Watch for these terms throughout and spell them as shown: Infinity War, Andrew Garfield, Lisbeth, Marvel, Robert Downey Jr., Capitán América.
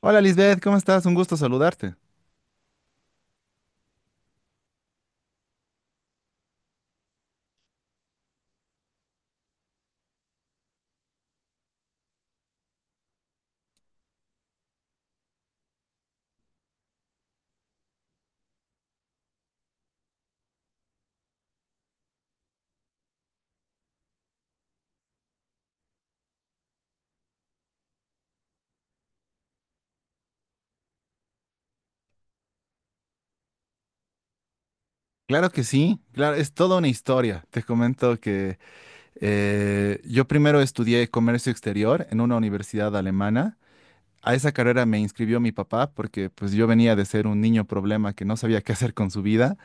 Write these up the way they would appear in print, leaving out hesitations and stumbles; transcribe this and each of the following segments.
Hola Lisbeth, ¿cómo estás? Un gusto saludarte. Claro que sí, claro, es toda una historia. Te comento que yo primero estudié comercio exterior en una universidad alemana. A esa carrera me inscribió mi papá porque pues yo venía de ser un niño problema que no sabía qué hacer con su vida.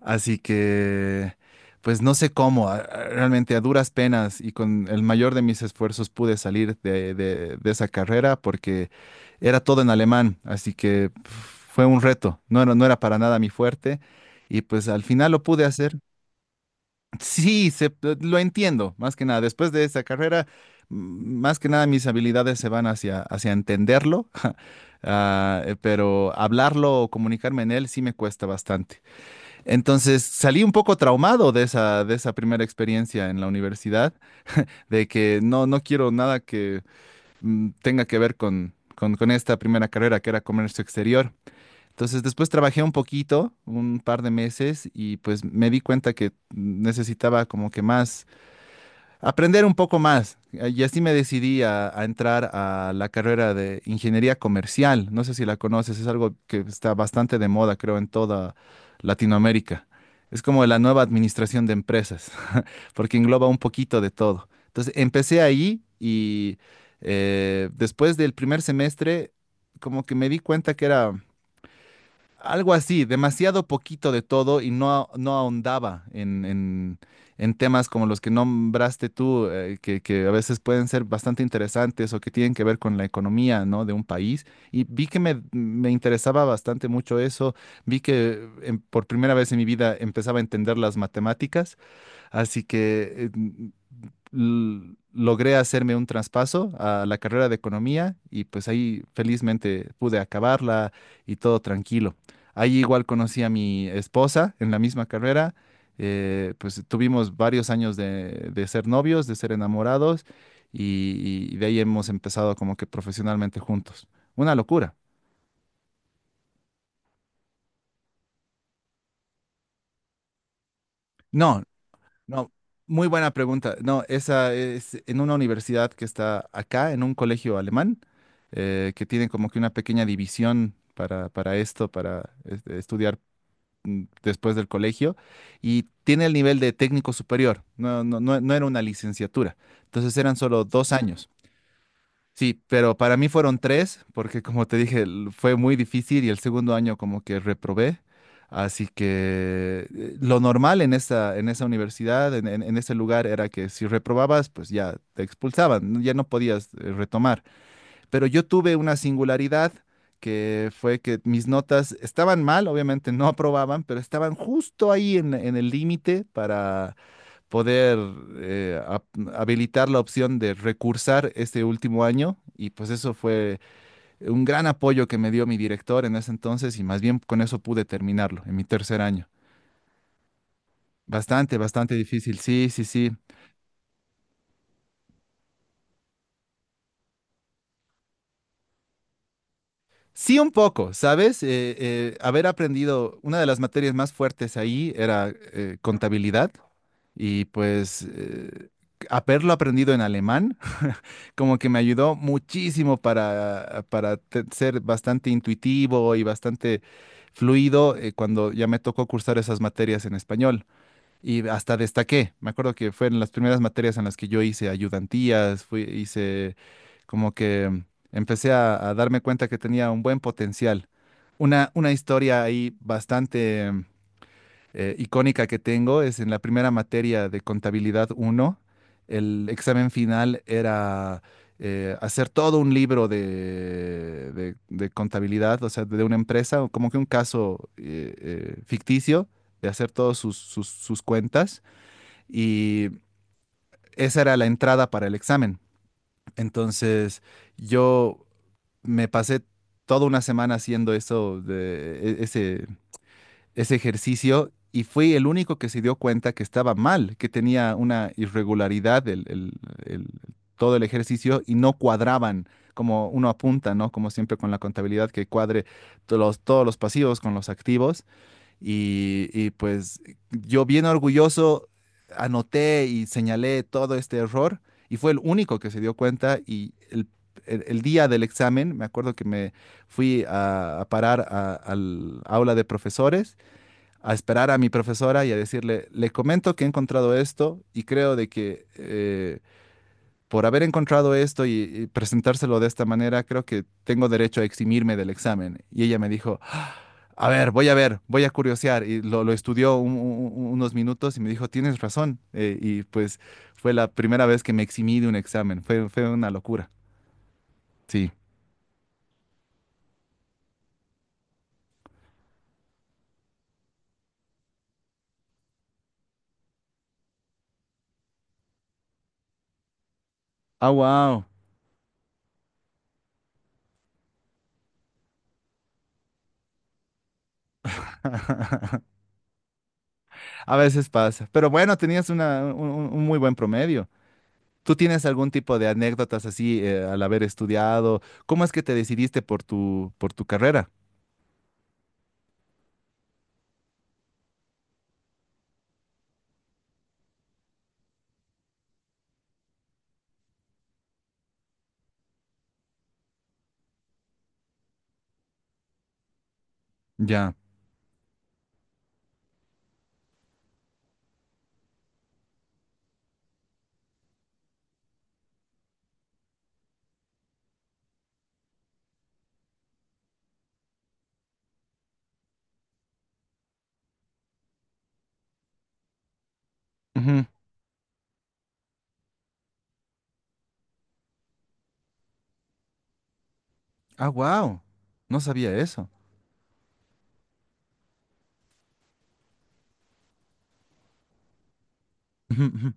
Así que, pues no sé cómo, realmente a duras penas y con el mayor de mis esfuerzos pude salir de esa carrera porque era todo en alemán, así que pf, fue un reto, no era para nada mi fuerte y pues al final lo pude hacer. Sí, lo entiendo, más que nada, después de esa carrera, más que nada mis habilidades se van hacia entenderlo, pero hablarlo o comunicarme en él sí me cuesta bastante. Entonces salí un poco traumado de de esa primera experiencia en la universidad, de que no quiero nada que tenga que ver con esta primera carrera que era comercio exterior. Entonces después trabajé un poquito, un par de meses, y pues me di cuenta que necesitaba como que más aprender un poco más. Y así me decidí a entrar a la carrera de ingeniería comercial. No sé si la conoces, es algo que está bastante de moda, creo, en toda Latinoamérica. Es como la nueva administración de empresas, porque engloba un poquito de todo. Entonces, empecé ahí y después del primer semestre, como que me di cuenta que era algo así, demasiado poquito de todo y no ahondaba en temas como los que nombraste tú, que a veces pueden ser bastante interesantes o que tienen que ver con la economía, ¿no? De un país. Y vi que me interesaba bastante mucho eso, vi que por primera vez en mi vida empezaba a entender las matemáticas. Así que logré hacerme un traspaso a la carrera de economía y pues ahí felizmente pude acabarla y todo tranquilo. Ahí igual conocí a mi esposa en la misma carrera. Pues tuvimos varios años de ser novios, de ser enamorados y de ahí hemos empezado como que profesionalmente juntos. Una locura. No, no, muy buena pregunta. No, esa es en una universidad que está acá, en un colegio alemán, que tiene como que una pequeña división para esto, para este, estudiar después del colegio, y tiene el nivel de técnico superior. No, no, no, no era una licenciatura. Entonces eran solo dos años. Sí, pero para mí fueron tres, porque como te dije, fue muy difícil y el segundo año como que reprobé. Así que lo normal en en esa universidad, en ese lugar, era que si reprobabas, pues ya te expulsaban, ¿no? Ya no podías retomar. Pero yo tuve una singularidad que fue que mis notas estaban mal, obviamente no aprobaban, pero estaban justo ahí en el límite para poder eh, ap- habilitar la opción de recursar este último año y pues eso fue un gran apoyo que me dio mi director en ese entonces y más bien con eso pude terminarlo en mi tercer año. Bastante, bastante difícil, sí, sí, sí. Sí, un poco, ¿sabes? Haber aprendido, una de las materias más fuertes ahí era contabilidad y pues haberlo aprendido en alemán como que me ayudó muchísimo ser bastante intuitivo y bastante fluido cuando ya me tocó cursar esas materias en español. Y hasta destaqué. Me acuerdo que fueron las primeras materias en las que yo hice ayudantías, fui, hice como que empecé a darme cuenta que tenía un buen potencial. Una historia ahí bastante icónica que tengo es en la primera materia de contabilidad uno el examen final era hacer todo un libro de contabilidad, o sea, de una empresa, o como que un caso ficticio, de hacer todos sus cuentas y esa era la entrada para el examen. Entonces yo me pasé toda una semana haciendo eso de ese ejercicio y fui el único que se dio cuenta que estaba mal, que tenía una irregularidad el- todo el ejercicio y no cuadraban como uno apunta, ¿no? Como siempre con la contabilidad que cuadre todos los pasivos con los activos. Y pues yo bien orgulloso anoté y señalé todo este error y fue el único que se dio cuenta y el día del examen, me acuerdo que me fui a parar al aula de profesores a esperar a mi profesora y a decirle, le comento que he encontrado esto y creo de que por haber encontrado esto y presentárselo de esta manera, creo que tengo derecho a eximirme del examen. Y ella me dijo, "Ah, a ver, voy a ver, voy a curiosear." Y lo estudió unos minutos y me dijo, tienes razón. Y pues fue la primera vez que me eximí de un examen. Fue, fue una locura. Sí. Ah, wow. A veces pasa. Pero bueno, tenías un muy buen promedio. ¿Tú tienes algún tipo de anécdotas así al haber estudiado? ¿Cómo es que te decidiste por por tu carrera? Ya. Ujú. Ah, wow. No sabía eso. Ujú, ujú.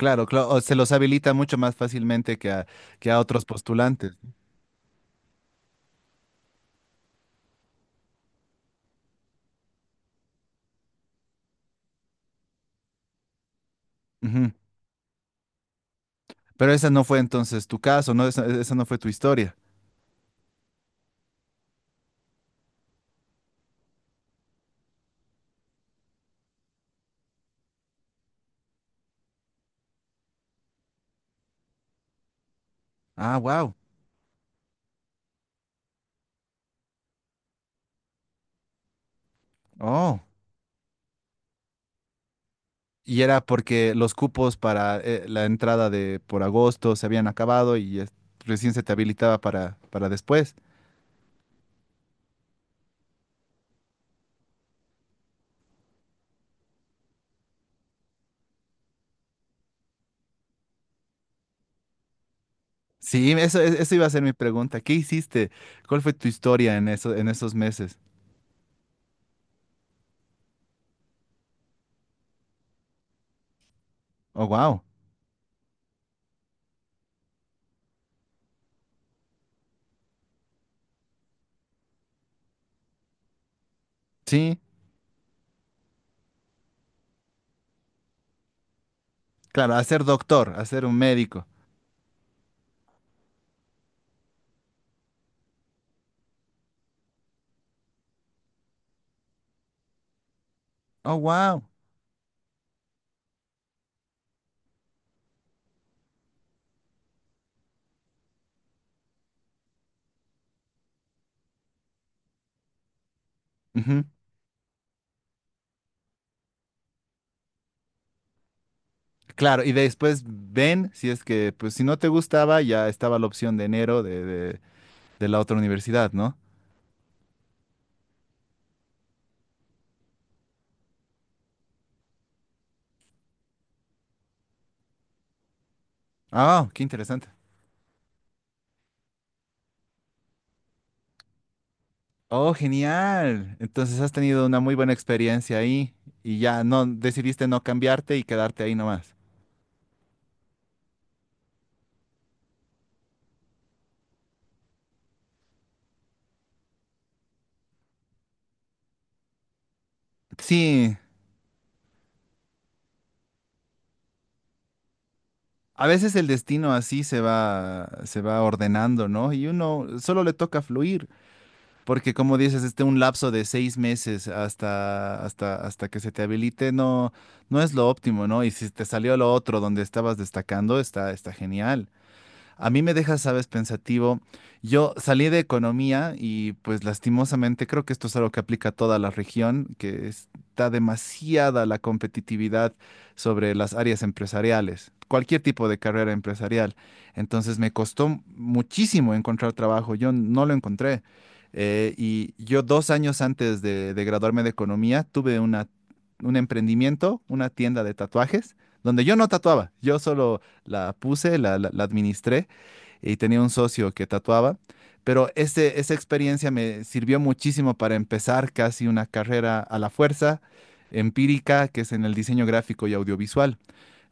Claro, claro, o se los habilita mucho más fácilmente que a otros postulantes. Ujú. Pero esa no fue entonces tu caso, ¿no? Esa no fue tu historia. Ah, wow. Oh. Y era porque los cupos para la entrada de por agosto se habían acabado y recién se te habilitaba para después. Sí, eso, eso iba a ser mi pregunta. ¿Qué hiciste? ¿Cuál fue tu historia en eso, en esos meses? Oh, wow. Sí, claro, a ser doctor, a ser un médico. Oh, wow. Claro, y después ven si es que, pues si no te gustaba, ya estaba la opción de enero de la otra universidad, ¿no? Ah, oh, qué interesante. Oh, genial. Entonces has tenido una muy buena experiencia ahí y ya no decidiste no cambiarte y quedarte ahí nomás. Sí. A veces el destino así se va ordenando, ¿no? Y uno solo le toca fluir, porque como dices, este un lapso de 6 meses hasta que se te habilite no es lo óptimo, ¿no? Y si te salió lo otro donde estabas destacando, está, está genial. A mí me deja, sabes, pensativo. Yo salí de economía y pues lastimosamente creo que esto es algo que aplica a toda la región, que está demasiada la competitividad sobre las áreas empresariales, cualquier tipo de carrera empresarial. Entonces me costó muchísimo encontrar trabajo. Yo no lo encontré. Y yo 2 años antes de graduarme de economía tuve un emprendimiento, una tienda de tatuajes, donde yo no tatuaba, yo solo la puse, la administré y tenía un socio que tatuaba, pero este, esa experiencia me sirvió muchísimo para empezar casi una carrera a la fuerza empírica, que es en el diseño gráfico y audiovisual.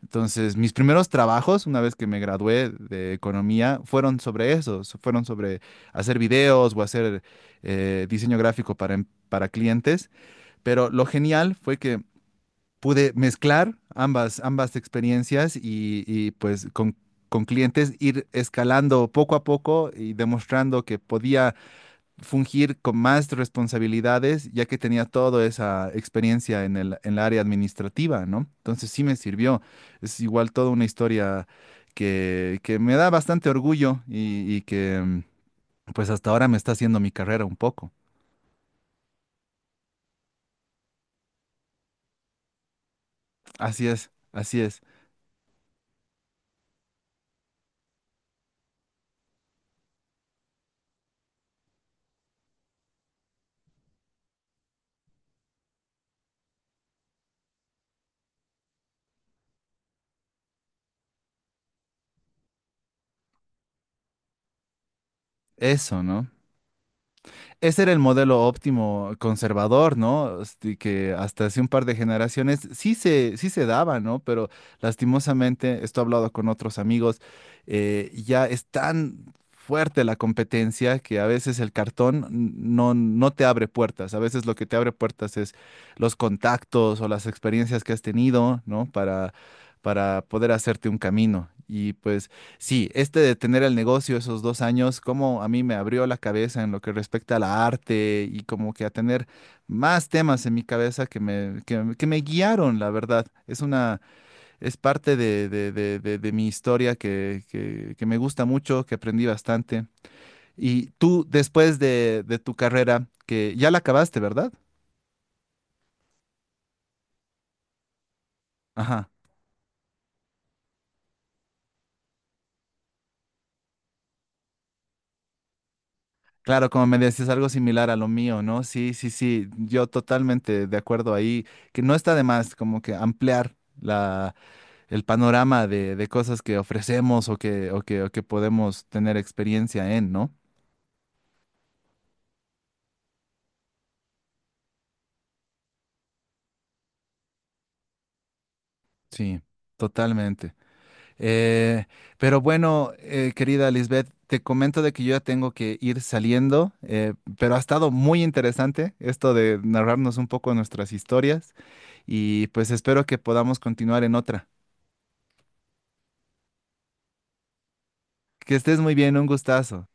Entonces, mis primeros trabajos, una vez que me gradué de economía, fueron sobre eso, fueron sobre hacer videos o hacer diseño gráfico para clientes, pero lo genial fue que pude mezclar ambas, ambas experiencias y, pues con clientes ir escalando poco a poco y demostrando que podía fungir con más responsabilidades, ya que tenía toda esa experiencia en el área administrativa, ¿no? Entonces sí me sirvió. Es igual toda una historia que me da bastante orgullo y que pues hasta ahora me está haciendo mi carrera un poco. Así es, así es. Eso, ¿no? Ese era el modelo óptimo conservador, ¿no? Este, que hasta hace un par de generaciones sí sí se daba, ¿no? Pero lastimosamente, esto he hablado con otros amigos, ya es tan fuerte la competencia que a veces el cartón no te abre puertas. A veces lo que te abre puertas es los contactos o las experiencias que has tenido, ¿no? Para poder hacerte un camino. Y pues... Sí, este de tener el negocio esos 2 años, como a mí me abrió la cabeza en lo que respecta a la arte y como que a tener más temas en mi cabeza que que me guiaron, la verdad. Es parte de mi historia que me gusta mucho, que aprendí bastante. Y tú, después de tu carrera, que ya la acabaste, ¿verdad? Ajá. Claro, como me decías, algo similar a lo mío, ¿no? Sí, sí, sí, yo totalmente de acuerdo ahí, que no está de más como que ampliar el panorama de cosas que ofrecemos o que podemos tener experiencia en, ¿no? Sí, totalmente. Eh, pero bueno, querida Lisbeth, te comento de que yo ya tengo que ir saliendo, pero ha estado muy interesante esto de narrarnos un poco nuestras historias y pues espero que podamos continuar en otra. Que estés muy bien, un gustazo.